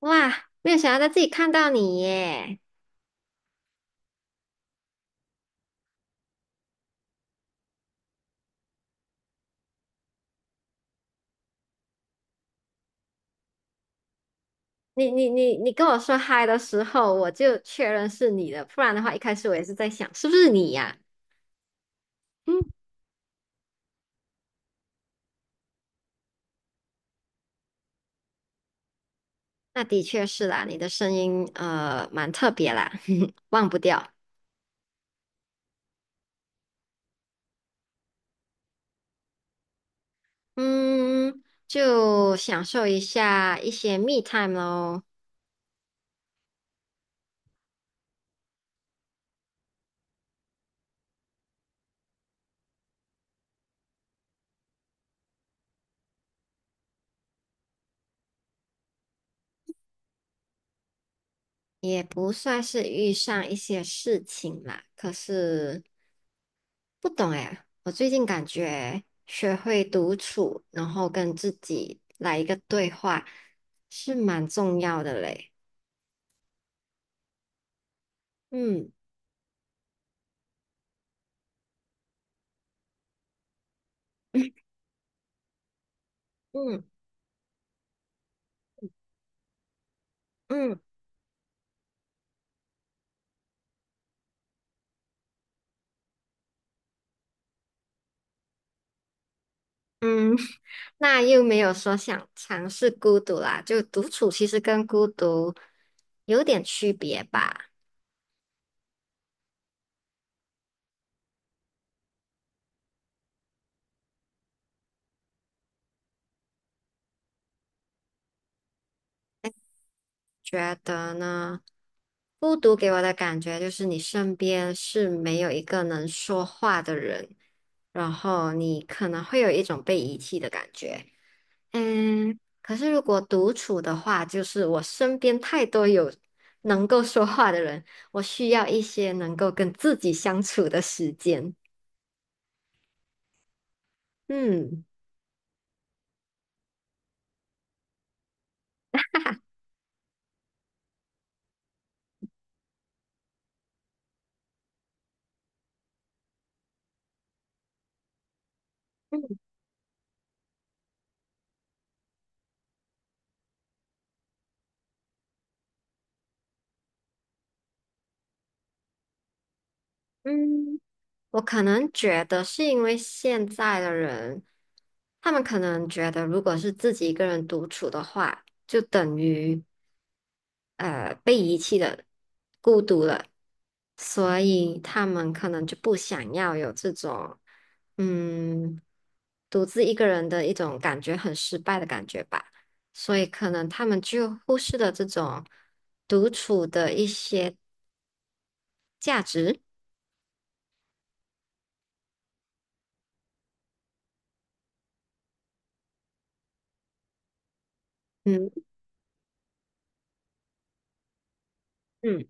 哇，没有想到在自己看到你耶！你跟我说嗨的时候，我就确认是你的。不然的话，一开始我也是在想是不是你呀。嗯，那的确是啦，你的声音蛮特别啦，忘不掉。嗯，就享受一下一些密 e time 咯。也不算是遇上一些事情啦，可是不懂哎，我最近感觉学会独处，然后跟自己来一个对话，是蛮重要的嘞。嗯嗯嗯嗯，那又没有说想尝试孤独啦，就独处其实跟孤独有点区别吧？觉得呢，孤独给我的感觉就是你身边是没有一个能说话的人，然后你可能会有一种被遗弃的感觉。可是如果独处的话，就是我身边太多有能够说话的人，我需要一些能够跟自己相处的时间。嗯嗯嗯。我可能觉得是因为现在的人，他们可能觉得，如果是自己一个人独处的话，就等于被遗弃的、孤独了，所以他们可能就不想要有这种嗯独自一个人的一种感觉，很失败的感觉吧。所以可能他们就忽视了这种独处的一些价值。嗯嗯。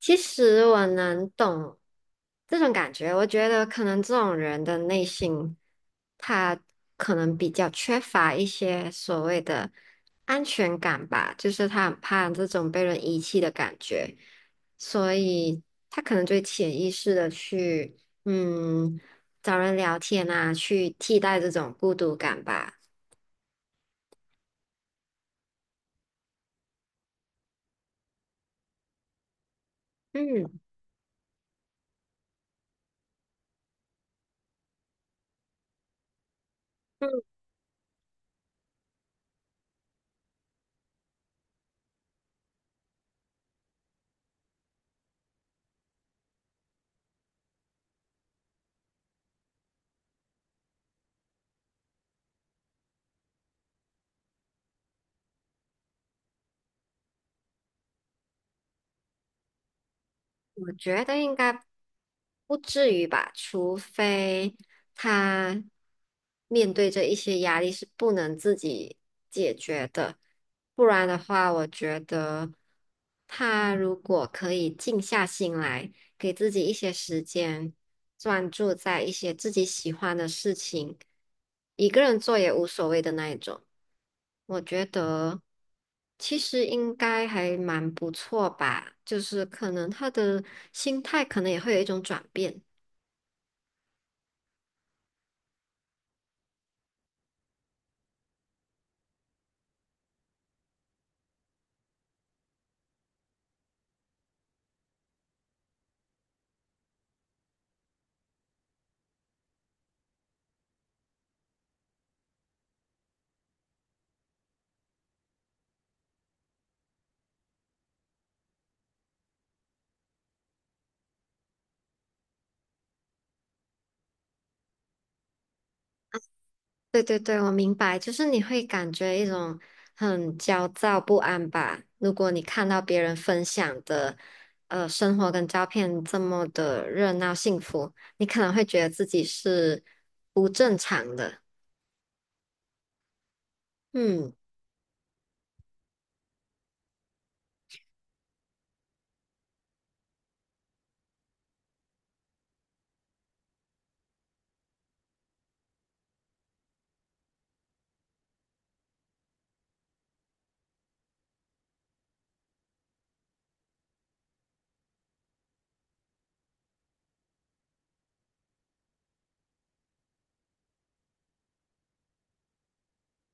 其实我能懂这种感觉，我觉得可能这种人的内心，他可能比较缺乏一些所谓的安全感吧，就是他很怕这种被人遗弃的感觉，所以他可能就会潜意识的去，嗯，找人聊天啊，去替代这种孤独感吧。嗯嗯。我觉得应该不至于吧，除非他面对着一些压力是不能自己解决的。不然的话，我觉得他如果可以静下心来，给自己一些时间，专注在一些自己喜欢的事情，一个人做也无所谓的那一种。我觉得其实应该还蛮不错吧，就是可能他的心态可能也会有一种转变。对对对，我明白，就是你会感觉一种很焦躁不安吧？如果你看到别人分享的生活跟照片这么的热闹幸福，你可能会觉得自己是不正常的。嗯。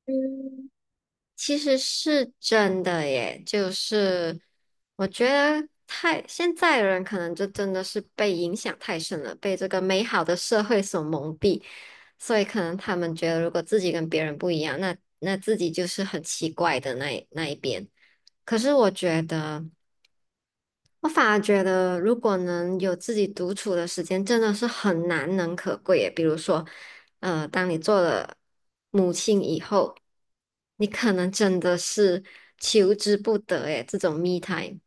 嗯，其实是真的耶，就是我觉得现在的人可能就真的是被影响太深了，被这个美好的社会所蒙蔽，所以可能他们觉得如果自己跟别人不一样，那自己就是很奇怪的那一边。可是我觉得。我反而觉得，如果能有自己独处的时间，真的是很难能可贵耶。比如说，当你做了母亲以后，你可能真的是求之不得诶这种 me time。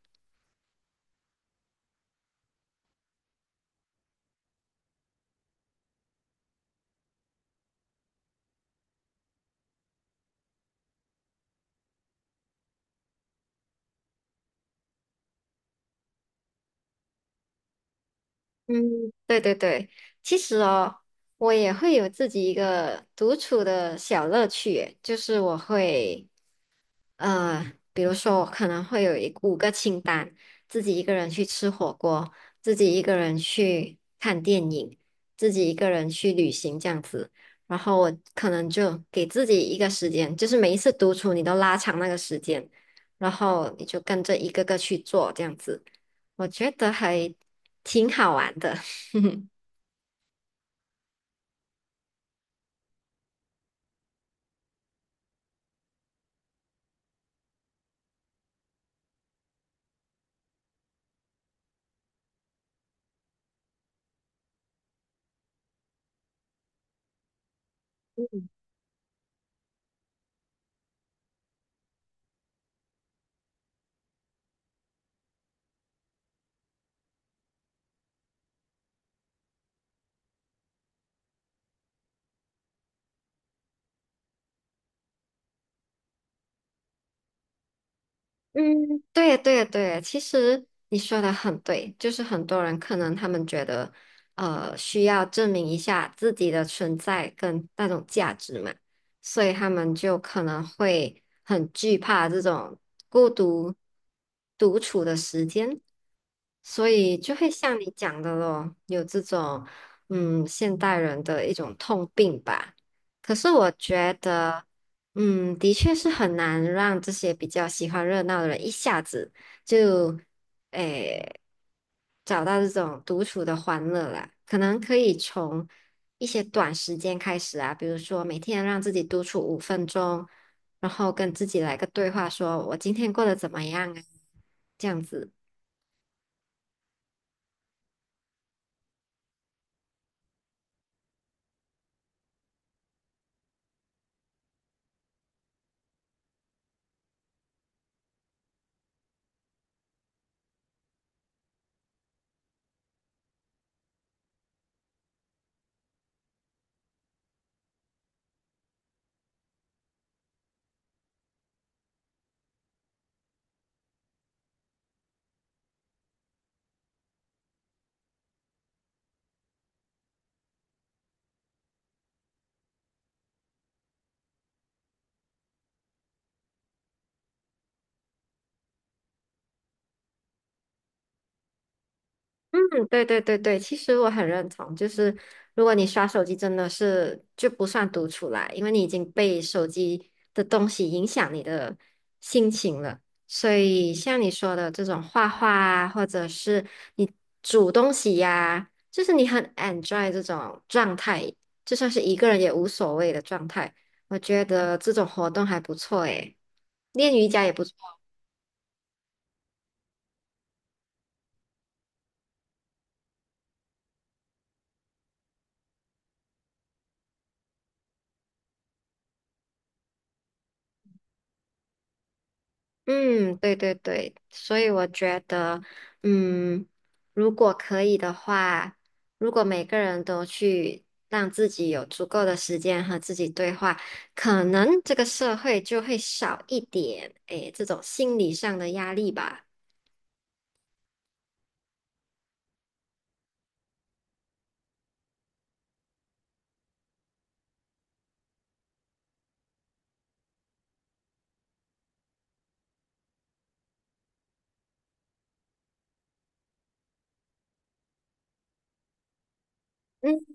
嗯，对对对，其实哦，我也会有自己一个独处的小乐趣耶，就是我会比如说我可能会有五个清单，自己一个人去吃火锅，自己一个人去看电影，自己一个人去旅行这样子。然后我可能就给自己一个时间，就是每一次独处你都拉长那个时间，然后你就跟着一个个去做这样子，我觉得还挺好玩的。嗯，对对对，其实你说的很对，就是很多人可能他们觉得，需要证明一下自己的存在跟那种价值嘛，所以他们就可能会很惧怕这种孤独独处的时间，所以就会像你讲的咯，有这种现代人的一种痛病吧。可是我觉得。的确是很难让这些比较喜欢热闹的人一下子就，诶，找到这种独处的欢乐啦。可能可以从一些短时间开始啊，比如说每天让自己独处5分钟，然后跟自己来个对话说，我今天过得怎么样啊？这样子。嗯，对对对对，其实我很认同，就是如果你刷手机，真的是就不算独处啦，因为你已经被手机的东西影响你的心情了。所以像你说的这种画画啊，或者是你煮东西呀，就是你很 enjoy 这种状态，就算是一个人也无所谓的状态，我觉得这种活动还不错诶。练瑜伽也不错。嗯，对对对，所以我觉得，嗯，如果可以的话，如果每个人都去让自己有足够的时间和自己对话，可能这个社会就会少一点，诶，这种心理上的压力吧。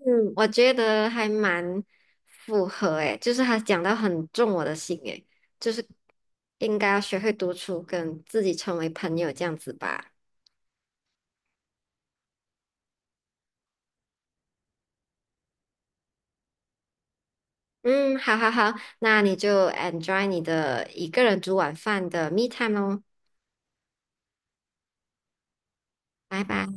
嗯，我觉得还蛮符合，诶，就是他讲到很中我的心，诶，就是应该要学会独处，跟自己成为朋友这样子吧。嗯，好好好，那你就 enjoy 你的一个人煮晚饭的 me time 哦，拜拜。